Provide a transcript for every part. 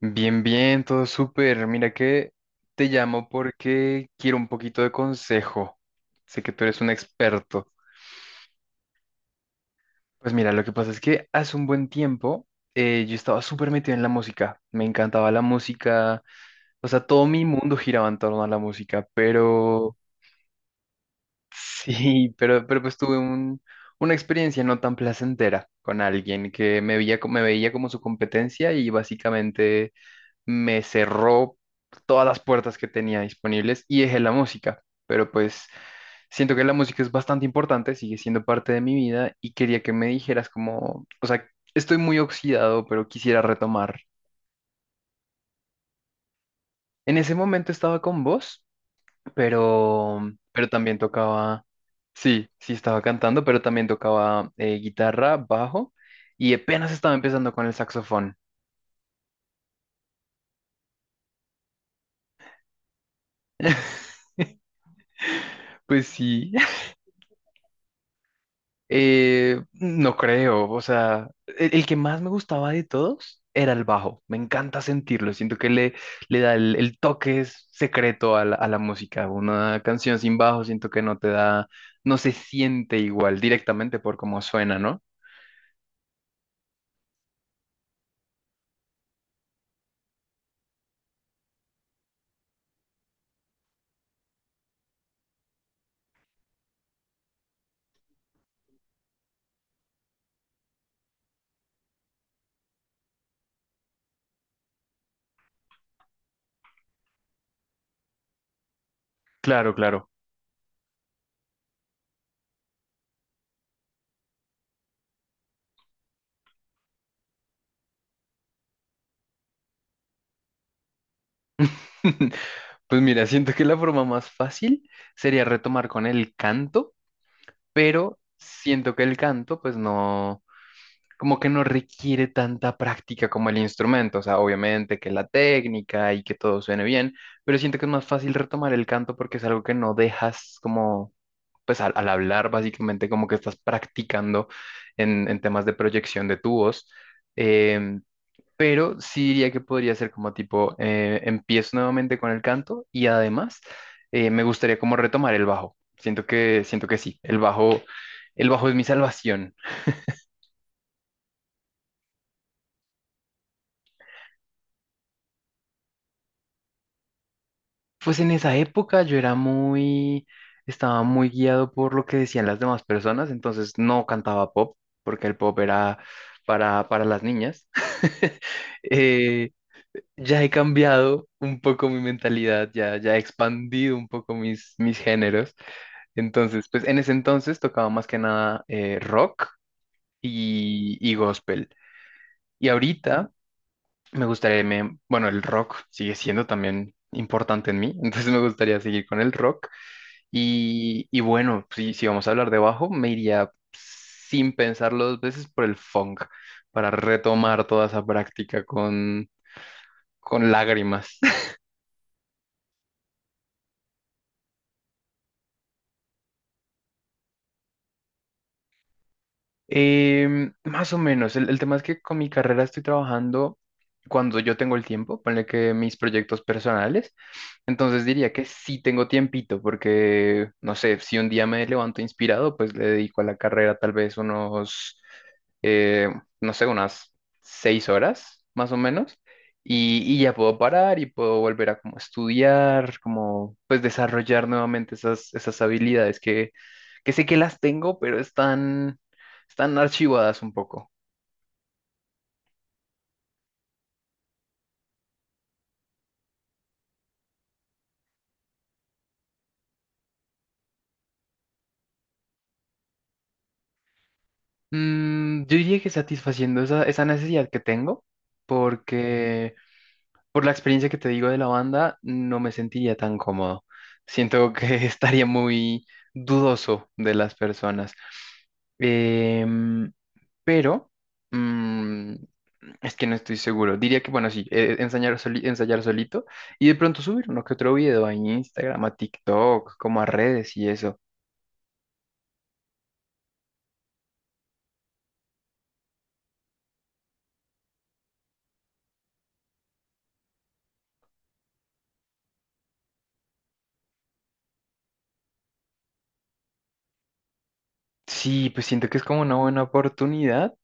Bien, bien, todo súper. Mira que te llamo porque quiero un poquito de consejo. Sé que tú eres un experto. Pues mira, lo que pasa es que hace un buen tiempo yo estaba súper metido en la música. Me encantaba la música. O sea, todo mi mundo giraba en torno a la música. Pero sí, pero pues tuve una experiencia no tan placentera con alguien que me veía, me veía como su competencia y básicamente me cerró todas las puertas que tenía disponibles y dejé la música. Pero pues siento que la música es bastante importante, sigue siendo parte de mi vida y quería que me dijeras como, o sea, estoy muy oxidado, pero quisiera retomar. En ese momento estaba con vos, pero, pero también tocaba, sí, sí estaba cantando, pero también tocaba guitarra, bajo y apenas estaba empezando con el saxofón. Pues sí. No creo, o sea, el que más me gustaba de todos era el bajo. Me encanta sentirlo, siento que le da el toque secreto a la música. Una canción sin bajo siento que no te da, no se siente igual directamente por cómo suena, ¿no? Claro, claro. Pues mira, siento que la forma más fácil sería retomar con el canto. Pero siento que el canto, pues no, como que no requiere tanta práctica como el instrumento, o sea, obviamente que la técnica y que todo suene bien, pero siento que es más fácil retomar el canto porque es algo que no dejas como, pues al hablar básicamente como que estás practicando en temas de proyección de tu voz. Em, pero sí diría que podría ser como tipo, empiezo nuevamente con el canto y además me gustaría como retomar el bajo. Siento que sí, el bajo es mi salvación. Pues en esa época yo era muy, estaba muy guiado por lo que decían las demás personas, entonces no cantaba pop, porque el pop era para las niñas. Eh, ya he cambiado un poco mi mentalidad, ya, ya he expandido un poco mis géneros. Entonces, pues en ese entonces tocaba más que nada rock y gospel. Y ahorita me gustaría, bueno, el rock sigue siendo también importante en mí, entonces me gustaría seguir con el rock. Y bueno, si, si vamos a hablar de bajo, me iría sin pensarlo dos veces por el funk, para retomar toda esa práctica con lágrimas. Más o menos, el tema es que con mi carrera estoy trabajando cuando yo tengo el tiempo, ponle que mis proyectos personales, entonces diría que sí tengo tiempito, porque no sé, si un día me levanto inspirado, pues le dedico a la carrera tal vez unos, eh, no sé, unas seis horas más o menos, y ya puedo parar y puedo volver a como estudiar, como pues desarrollar nuevamente esas, esas habilidades que sé que las tengo, pero están están archivadas un poco. Mm, yo diría que satisfaciendo esa, esa necesidad que tengo, porque por la experiencia que te digo de la banda, no me sentiría tan cómodo. Siento que estaría muy dudoso de las personas. Em, pero mm, es que no estoy seguro. Diría que, bueno, sí, ensayar, ensayar solito y de pronto subir uno que otro video a Instagram, a TikTok, como a redes y eso. Sí, pues siento que es como una buena oportunidad.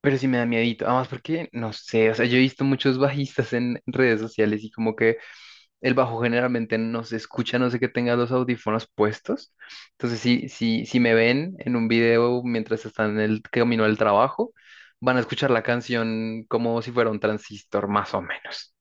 Pero sí me da miedito, además porque, no sé, o sea, yo he visto muchos bajistas en redes sociales y como que el bajo generalmente no se escucha, a no sé que tenga los audífonos puestos. Entonces, sí, sí, si me ven en un video mientras están en el camino al trabajo, van a escuchar la canción como si fuera un transistor, más o menos.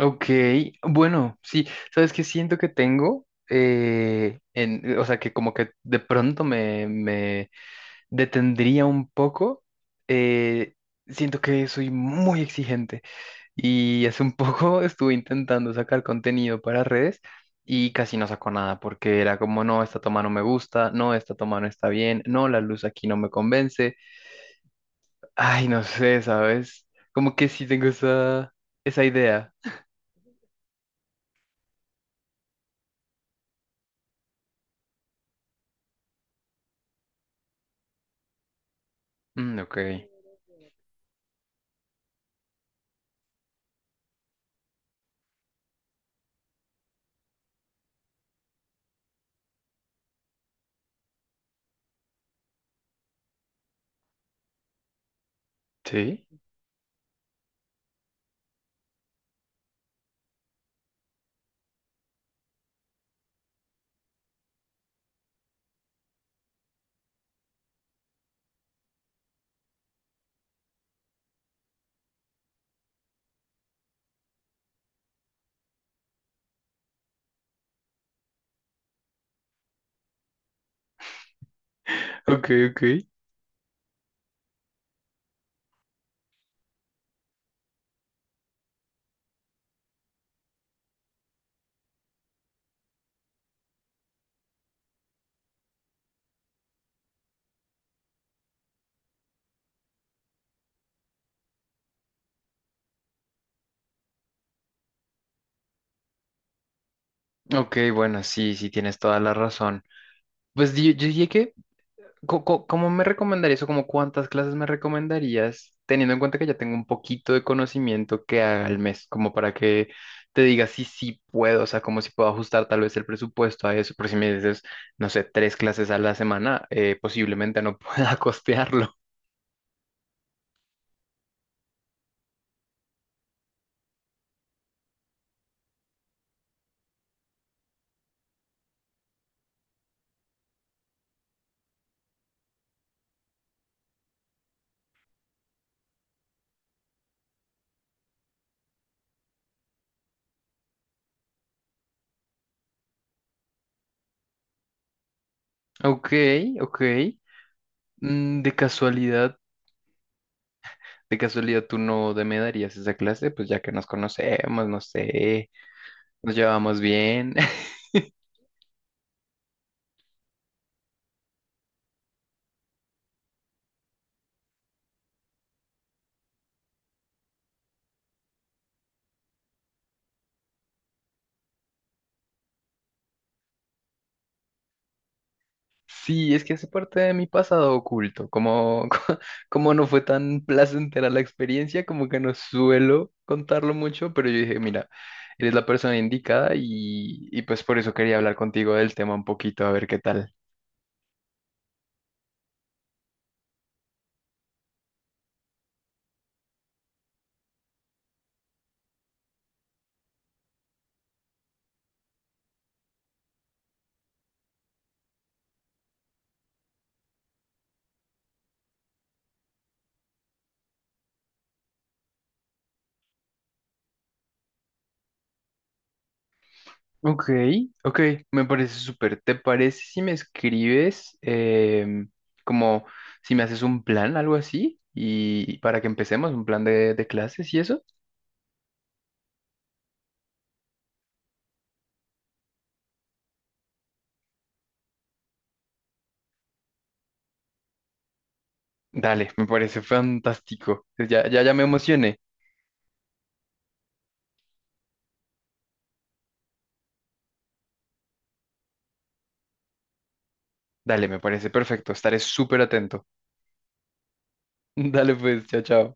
Ok, bueno, sí, ¿sabes que siento que tengo? O sea, que como que de pronto me detendría un poco. eh, siento que soy muy exigente y hace un poco estuve intentando sacar contenido para redes y casi no sacó nada porque era como, no, esta toma no me gusta, no, esta toma no está bien, no, la luz aquí no me convence. Ay, no sé, ¿sabes? Como que sí tengo esa, esa idea. Mm, ok, sí, ok, ok. Ok, bueno, sí, sí, tienes toda la razón. Pues yo, dije que ¿Cómo me recomendarías o como cuántas clases me recomendarías, teniendo en cuenta que ya tengo un poquito de conocimiento que haga al mes, como para que te diga si sí puedo, o sea, como si puedo ajustar tal vez el presupuesto a eso, pero si me dices, no sé, tres clases a la semana, posiblemente no pueda costearlo. Ok, ok. Mm, de casualidad, de casualidad tú no de- me darías esa clase, pues ya que nos conocemos, no sé, nos llevamos bien. Sí, es que hace parte de mi pasado oculto. Como, como no fue tan placentera la experiencia, como que no suelo contarlo mucho, pero yo dije, mira, eres la persona indicada y pues por eso quería hablar contigo del tema un poquito, a ver qué tal. Ok, ok, me parece súper. ¿Te parece si me escribes como si me haces un plan, algo así? Y para que empecemos, un plan de clases y eso. Dale, me parece fantástico. Ya, ya, ya me emocioné. Dale, me parece perfecto. Estaré súper atento. Dale pues, chao, chao.